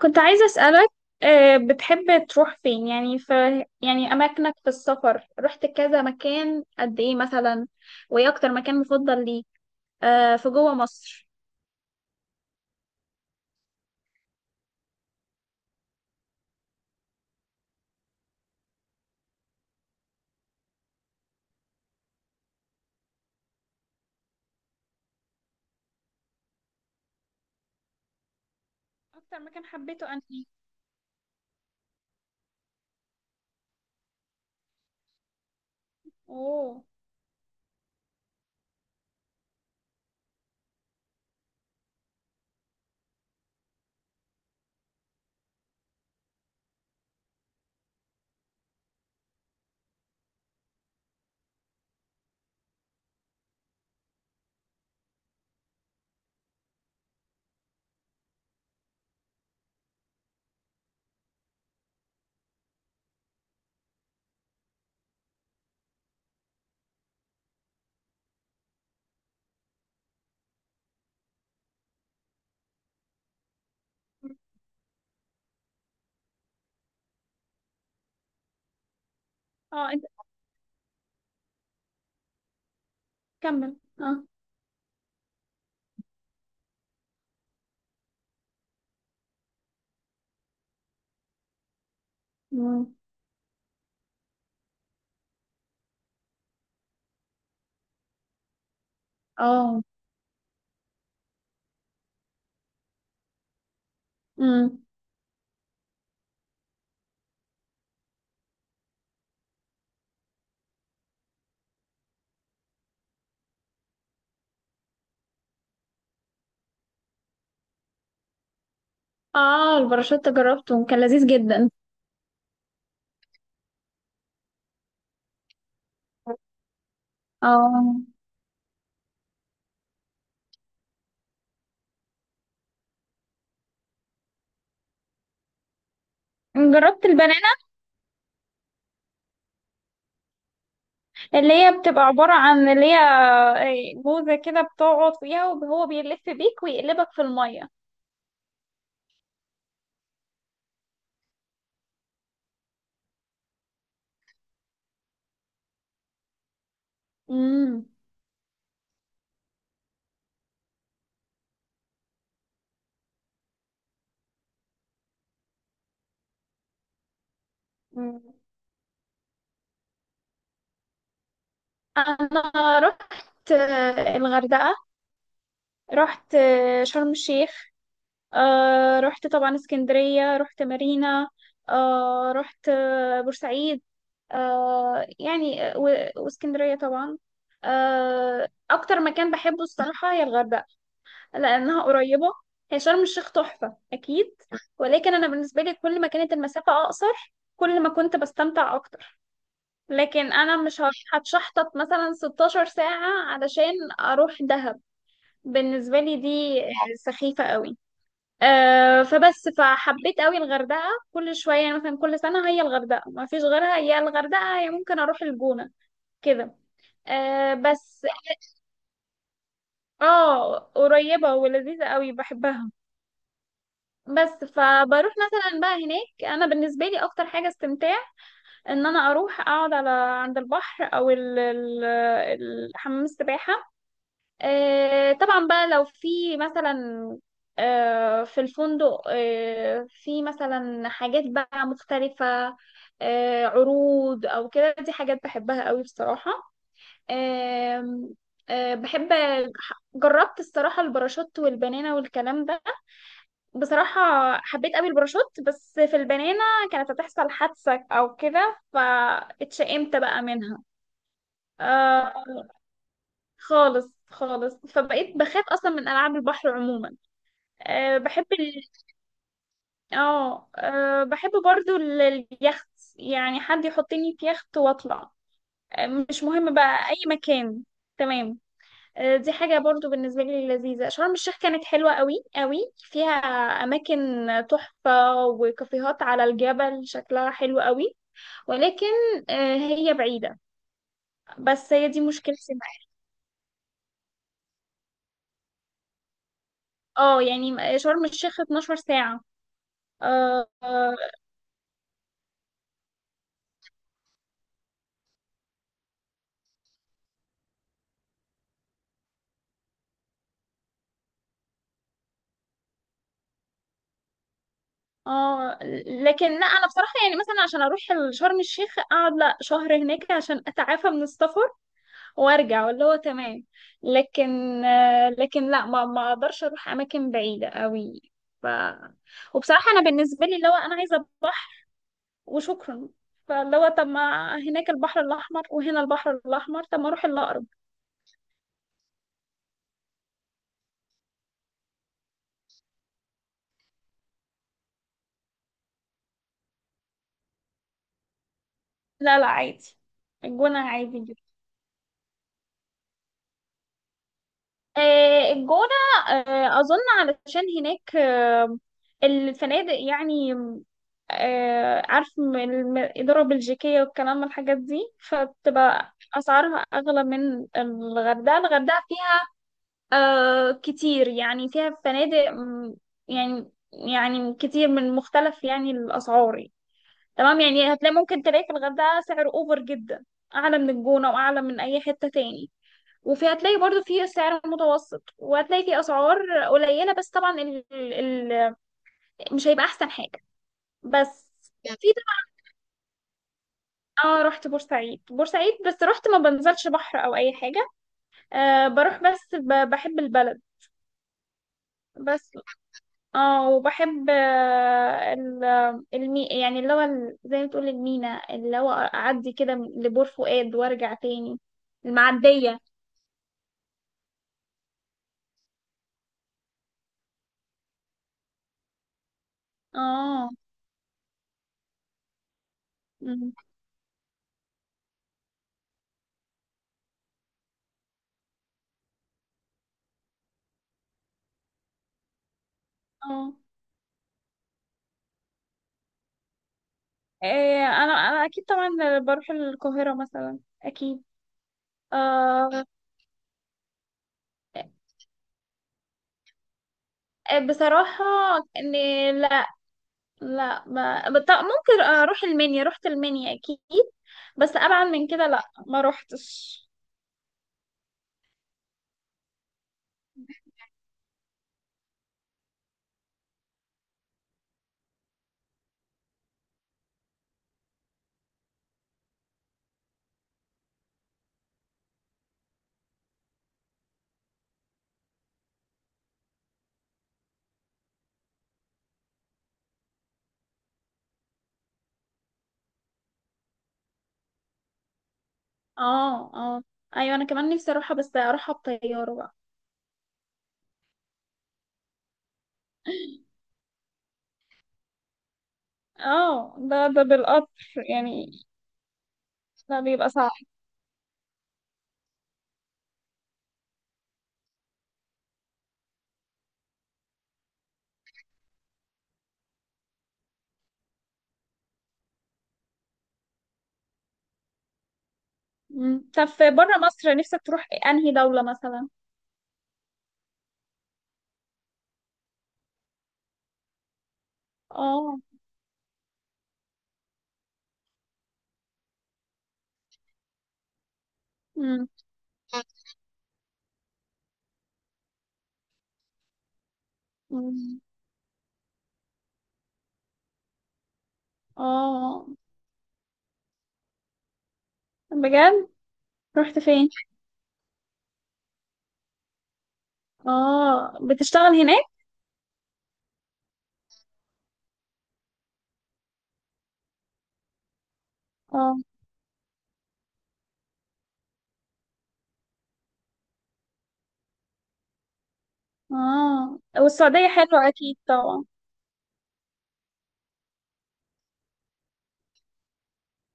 كنت عايزة أسألك، بتحب تروح فين؟ يعني في يعني أماكنك في السفر، رحت كذا مكان قد إيه مثلا؟ وإيه أكتر مكان مفضل ليك؟ في جوه مصر؟ أكتر مكان حبيته أنهي؟ أوه. أه أنت، كمل. أه. مم. أه. مم. أه، الباراشوت جربته، كان لذيذ جدا. أه جربت البنانة؟ اللي هي بتبقى عبارة عن اللي هي موزة كده، بتقعد فيها وهو بيلف بيك ويقلبك في المية. مم. مم. أنا رحت الغردقة، رحت شرم الشيخ، رحت طبعا اسكندرية، رحت مارينا، رحت بورسعيد، يعني واسكندرية طبعا. أكتر مكان بحبه الصراحة هي الغردقة، لأنها قريبة. هي شرم الشيخ تحفة أكيد، ولكن أنا بالنسبة لي كل ما كانت المسافة أقصر، كل ما كنت بستمتع أكتر. لكن انا مش هروح هتشحطط مثلا 16 ساعة علشان اروح دهب. بالنسبة لي دي سخيفة قوي. أه فبس، فحبيت قوي الغردقة. كل شوية يعني، مثلا كل سنة هي الغردقة ما فيش غيرها، يا الغردقة يا ممكن اروح الجونة كده. أه بس، اه قريبة ولذيذة قوي بحبها. بس فبروح مثلا بقى هناك، انا بالنسبه لي اكتر حاجه استمتاع ان انا اروح اقعد على عند البحر، او حمام السباحه. طبعا بقى لو في مثلا في الفندق، في مثلا حاجات بقى مختلفة، عروض أو كده، دي حاجات بحبها قوي بصراحة. آم، آه، بحب. جربت الصراحة الباراشوت والبنانة والكلام ده، بصراحة حبيت قوي الباراشوت. بس في البنانة كانت هتحصل حادثة أو كده، فاتشائمت بقى منها. آه، خالص خالص، فبقيت بخاف أصلا من ألعاب البحر عموما. أه بحب ال... اه آه، بحب برضو اليخت. يعني حد يحطني في يخت واطلع. أه مش مهم بقى اي مكان. تمام. أه دي حاجة برضو بالنسبة لي لذيذة. شرم الشيخ كانت حلوة قوي قوي، فيها اماكن تحفة، وكافيهات على الجبل شكلها حلو قوي. ولكن أه هي بعيدة. بس هي دي مشكلتي معاها. اه يعني شرم الشيخ 12 ساعة. آه، آه، اه. لكن لا، انا بصراحه يعني مثلا عشان اروح شرم الشيخ اقعد لا شهر هناك عشان اتعافى من السفر وارجع، واللي هو تمام. لكن لا، ما اقدرش اروح اماكن بعيده قوي. ف، وبصراحه انا بالنسبه لي اللي هو انا عايزه بحر وشكرا. فاللي هو طب ما هناك البحر الاحمر وهنا البحر الاحمر، طب ما اروح الاقرب. لا لا عادي. الجونه عادي. الجونة، أظن علشان هناك الفنادق يعني، عارف الإدارة البلجيكية والكلام من الحاجات دي، فبتبقى أسعارها أغلى من الغردقة. الغردقة فيها كتير، يعني فيها فنادق يعني، كتير من مختلف يعني الأسعار يعني. تمام، يعني هتلاقي، ممكن تلاقي في الغردقة سعر أوفر جدا، أعلى من الجونة وأعلى من أي حتة تاني. وفي هتلاقي برضو في سعر متوسط، وهتلاقي في اسعار قليله، بس طبعا مش هيبقى احسن حاجه. بس في. طبعا اه رحت بورسعيد. بس رحت، ما بنزلش بحر او اي حاجه. آه بروح بس بحب البلد. بس اه، وبحب آه يعني اللي هو زي ما تقول المينا، اللي هو اعدي كده لبور فؤاد وارجع تاني. المعديه. اه. مم. اه. إيه، انا اكيد طبعا بروح القاهرة مثلا اكيد. آه. إيه، بصراحة ان لا. لا ما بط- ممكن اروح المنيا، رحت المنيا اكيد. بس ابعد من كده لا ما روحتش. اه اه. ايوه انا كمان نفسي اروحها بس اروحها بطيارة بقى. اه ده بالقطر يعني. ده بيبقى صعب. مم. طب في بره مصر نفسك تروح انهي دولة مثلا؟ اه. مم. مم. اه بجد. رحت فين؟ اه بتشتغل هناك؟ اه اه، والسعودية حلوة اكيد طبعا.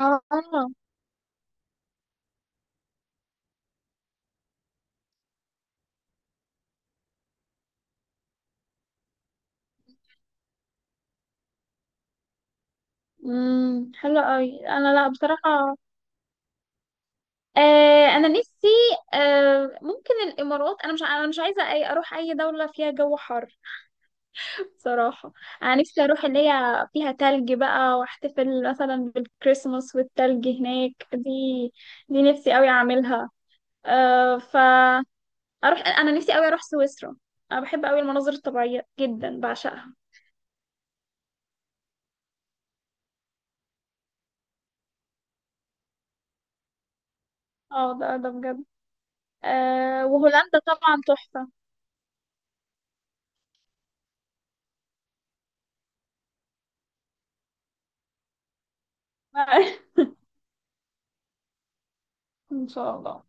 اه حلوة قوي. انا لا بصراحة، آه انا نفسي آه ممكن الامارات. انا مش عايزة اي اروح اي دولة فيها جو حر صراحة. انا نفسي اروح اللي هي فيها تلج بقى، واحتفل مثلا بالكريسماس والتلج هناك. دي نفسي قوي اعملها. آه ف اروح، انا نفسي قوي اروح سويسرا. انا بحب قوي المناظر الطبيعيه جدا، بعشقها. اه ده بجد. آه وهولندا طبعا تحفه. ان شاء الله.